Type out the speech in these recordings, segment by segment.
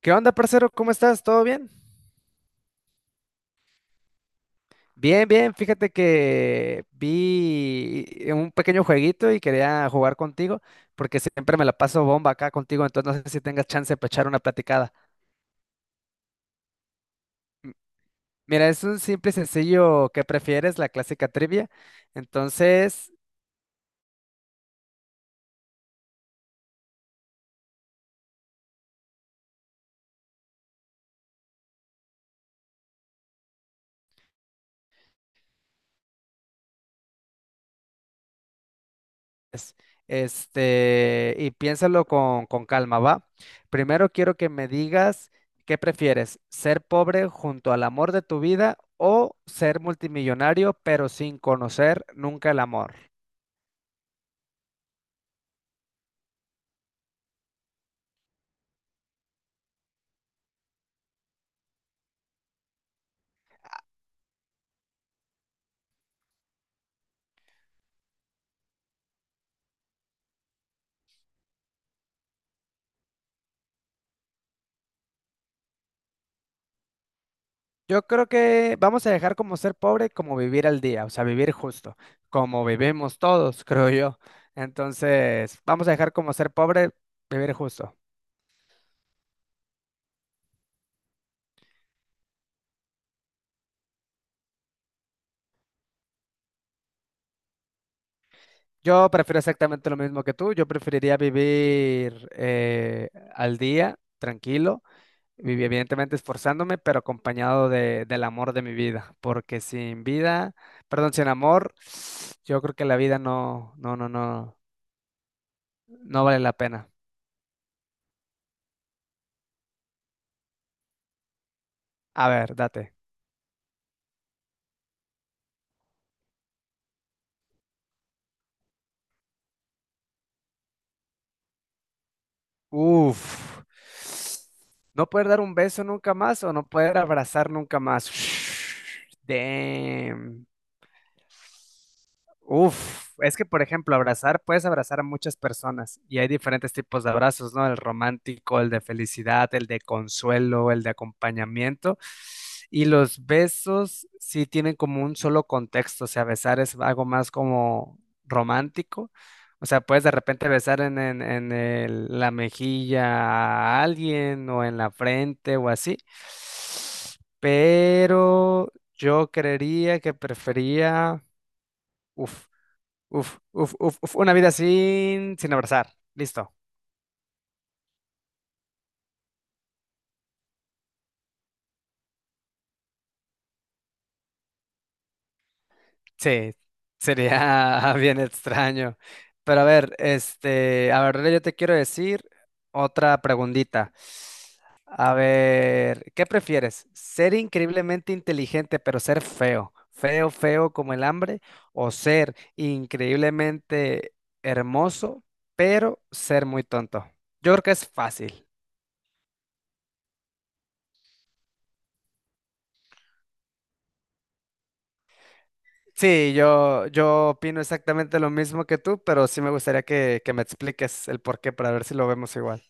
¿Qué onda, parcero? ¿Cómo estás? ¿Todo bien? Bien, bien. Fíjate que vi un pequeño jueguito y quería jugar contigo porque siempre me la paso bomba acá contigo, entonces no sé si tengas chance para echar una platicada. Mira, es un simple y sencillo ¿qué prefieres? La clásica trivia. Entonces, es, y piénsalo con calma, ¿va? Primero quiero que me digas qué prefieres, ser pobre junto al amor de tu vida o ser multimillonario pero sin conocer nunca el amor. Yo creo que vamos a dejar como ser pobre como vivir al día, o sea, vivir justo, como vivimos todos, creo yo. Entonces, vamos a dejar como ser pobre, vivir justo. Yo prefiero exactamente lo mismo que tú. Yo preferiría vivir al día, tranquilo, evidentemente esforzándome, pero acompañado del amor de mi vida. Porque sin vida, perdón, sin amor, yo creo que la vida no vale la pena. A ver, date. Uf. ¿No poder dar un beso nunca más o no poder abrazar nunca más? Damn. Uf, es que por ejemplo, abrazar, puedes abrazar a muchas personas y hay diferentes tipos de abrazos, ¿no? El romántico, el de felicidad, el de consuelo, el de acompañamiento. Y los besos sí tienen como un solo contexto, o sea, besar es algo más como romántico. O sea, puedes de repente besar en la mejilla a alguien o en la frente o así. Pero yo creería que prefería Uf, uf. Una vida sin abrazar. Listo. Sí, sería bien extraño. Pero a ver, este, a ver, yo te quiero decir otra preguntita. A ver, ¿qué prefieres? ¿Ser increíblemente inteligente pero ser feo? Feo, feo como el hambre, o ser increíblemente hermoso pero ser muy tonto. Yo creo que es fácil. Sí, yo opino exactamente lo mismo que tú, pero sí me gustaría que me expliques el porqué para ver si lo vemos igual.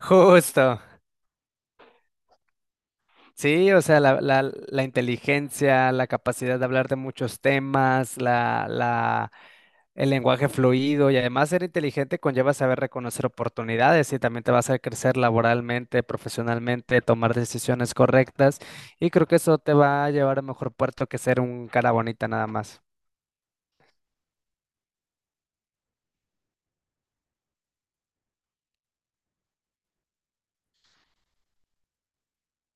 Justo. Sí, o sea, la inteligencia, la capacidad de hablar de muchos temas, el lenguaje fluido y además ser inteligente conlleva saber reconocer oportunidades y también te va a hacer crecer laboralmente, profesionalmente, tomar decisiones correctas y creo que eso te va a llevar a mejor puerto que ser un cara bonita nada más.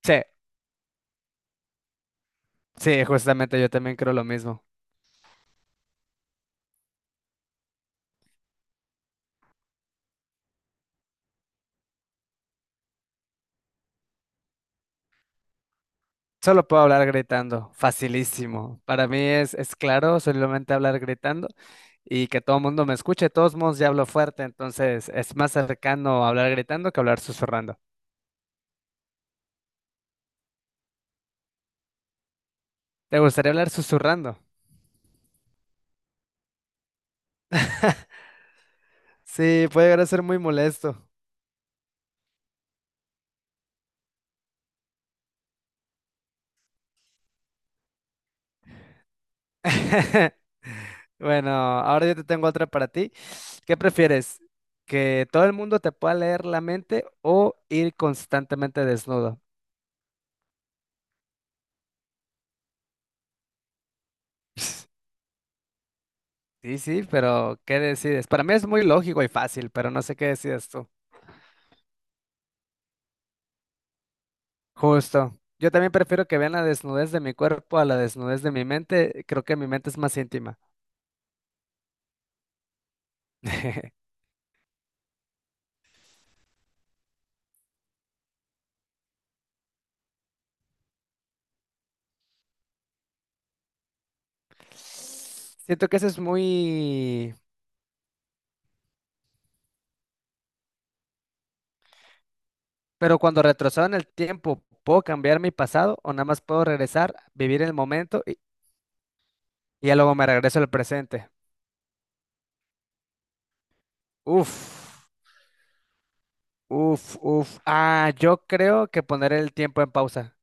Sí. Sí, justamente yo también creo lo mismo. Solo puedo hablar gritando, facilísimo. Para mí es claro, solamente hablar gritando y que todo el mundo me escuche. De todos modos ya hablo fuerte, entonces es más cercano hablar gritando que hablar susurrando. ¿Te gustaría hablar susurrando? Sí, puede llegar a ser muy molesto. Bueno, ahora yo te tengo otra para ti. ¿Qué prefieres? ¿Que todo el mundo te pueda leer la mente o ir constantemente desnudo? Sí, sí, pero ¿qué decides? Para mí es muy lógico y fácil, pero no sé qué decides tú. Justo. Yo también prefiero que vean la desnudez de mi cuerpo a la desnudez de mi mente. Creo que mi mente es más íntima. Siento que eso es muy... Pero cuando retrocedo en el tiempo, ¿puedo cambiar mi pasado o nada más puedo regresar, vivir el momento y ya luego me regreso al presente? Uf, uf. Ah, yo creo que poner el tiempo en pausa.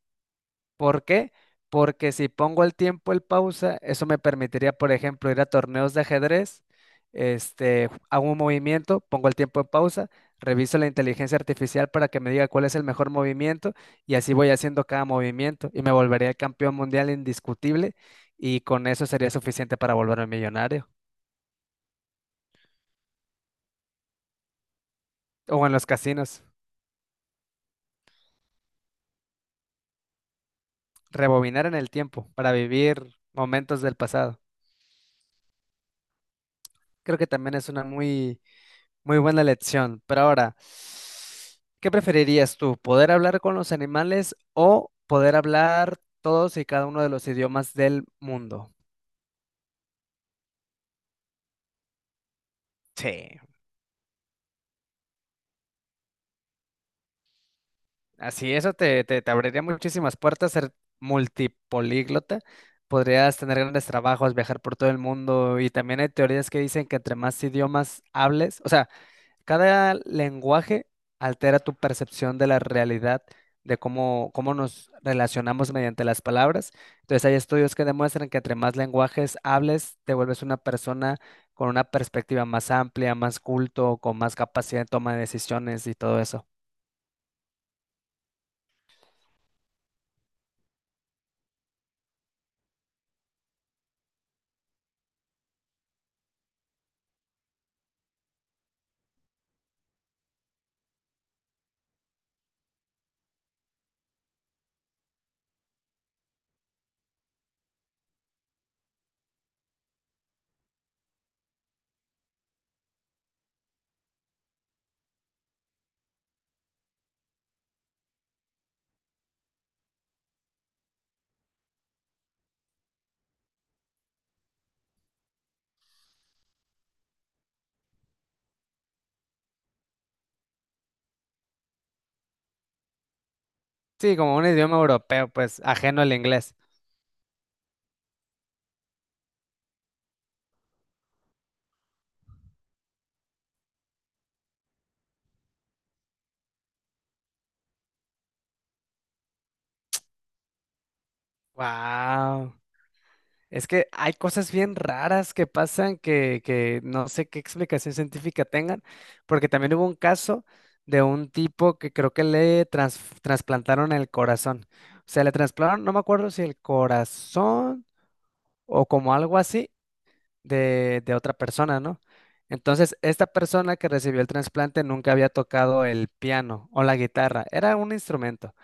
¿Por qué? Porque si pongo el tiempo en pausa, eso me permitiría, por ejemplo, ir a torneos de ajedrez, hago un movimiento, pongo el tiempo en pausa, reviso la inteligencia artificial para que me diga cuál es el mejor movimiento y así voy haciendo cada movimiento y me volvería campeón mundial indiscutible y con eso sería suficiente para volverme millonario. O en los casinos, rebobinar en el tiempo para vivir momentos del pasado. Creo que también es una muy buena lección. Pero ahora, ¿qué preferirías tú? ¿Poder hablar con los animales o poder hablar todos y cada uno de los idiomas del mundo? Sí, así eso te abriría muchísimas puertas, ser multipolíglota. Podrías tener grandes trabajos, viajar por todo el mundo y también hay teorías que dicen que entre más idiomas hables, o sea, cada lenguaje altera tu percepción de la realidad, de cómo nos relacionamos mediante las palabras. Entonces, hay estudios que demuestran que entre más lenguajes hables, te vuelves una persona con una perspectiva más amplia, más culto, con más capacidad de toma de decisiones y todo eso. Sí, como un idioma europeo, pues ajeno al inglés. Wow. Es que hay cosas bien raras que pasan que no sé qué explicación científica tengan, porque también hubo un caso de un tipo que creo que le trasplantaron el corazón. O sea, le trasplantaron, no me acuerdo si el corazón o como algo así de otra persona, ¿no? Entonces, esta persona que recibió el trasplante nunca había tocado el piano o la guitarra, era un instrumento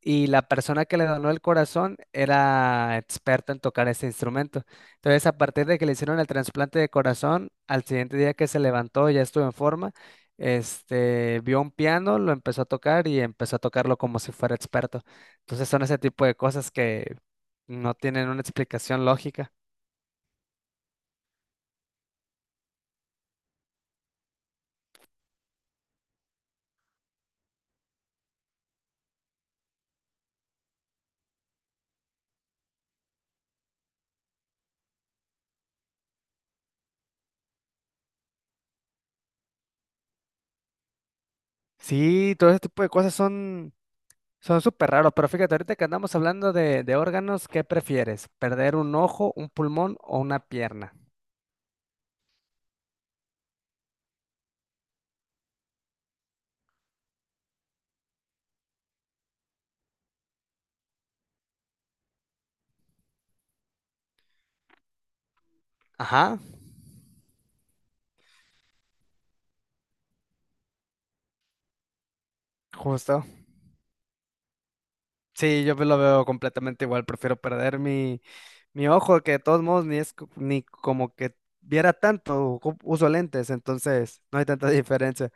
y la persona que le donó el corazón era experta en tocar ese instrumento. Entonces, a partir de que le hicieron el trasplante de corazón, al siguiente día que se levantó, ya estuvo en forma, vio un piano, lo empezó a tocar y empezó a tocarlo como si fuera experto. Entonces, son ese tipo de cosas que no tienen una explicación lógica. Sí, todo ese tipo de cosas son súper raros, pero fíjate, ahorita que andamos hablando de órganos, ¿qué prefieres? ¿Perder un ojo, un pulmón o una pierna? Ajá. Justo. Sí, yo lo veo completamente igual. Prefiero perder mi ojo, que de todos modos ni es co- ni como que viera tanto. Uso lentes, entonces no hay tanta diferencia.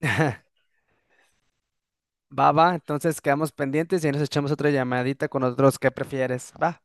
Va, va, entonces quedamos pendientes y ahí nos echamos otra llamadita con otros que prefieres. Va.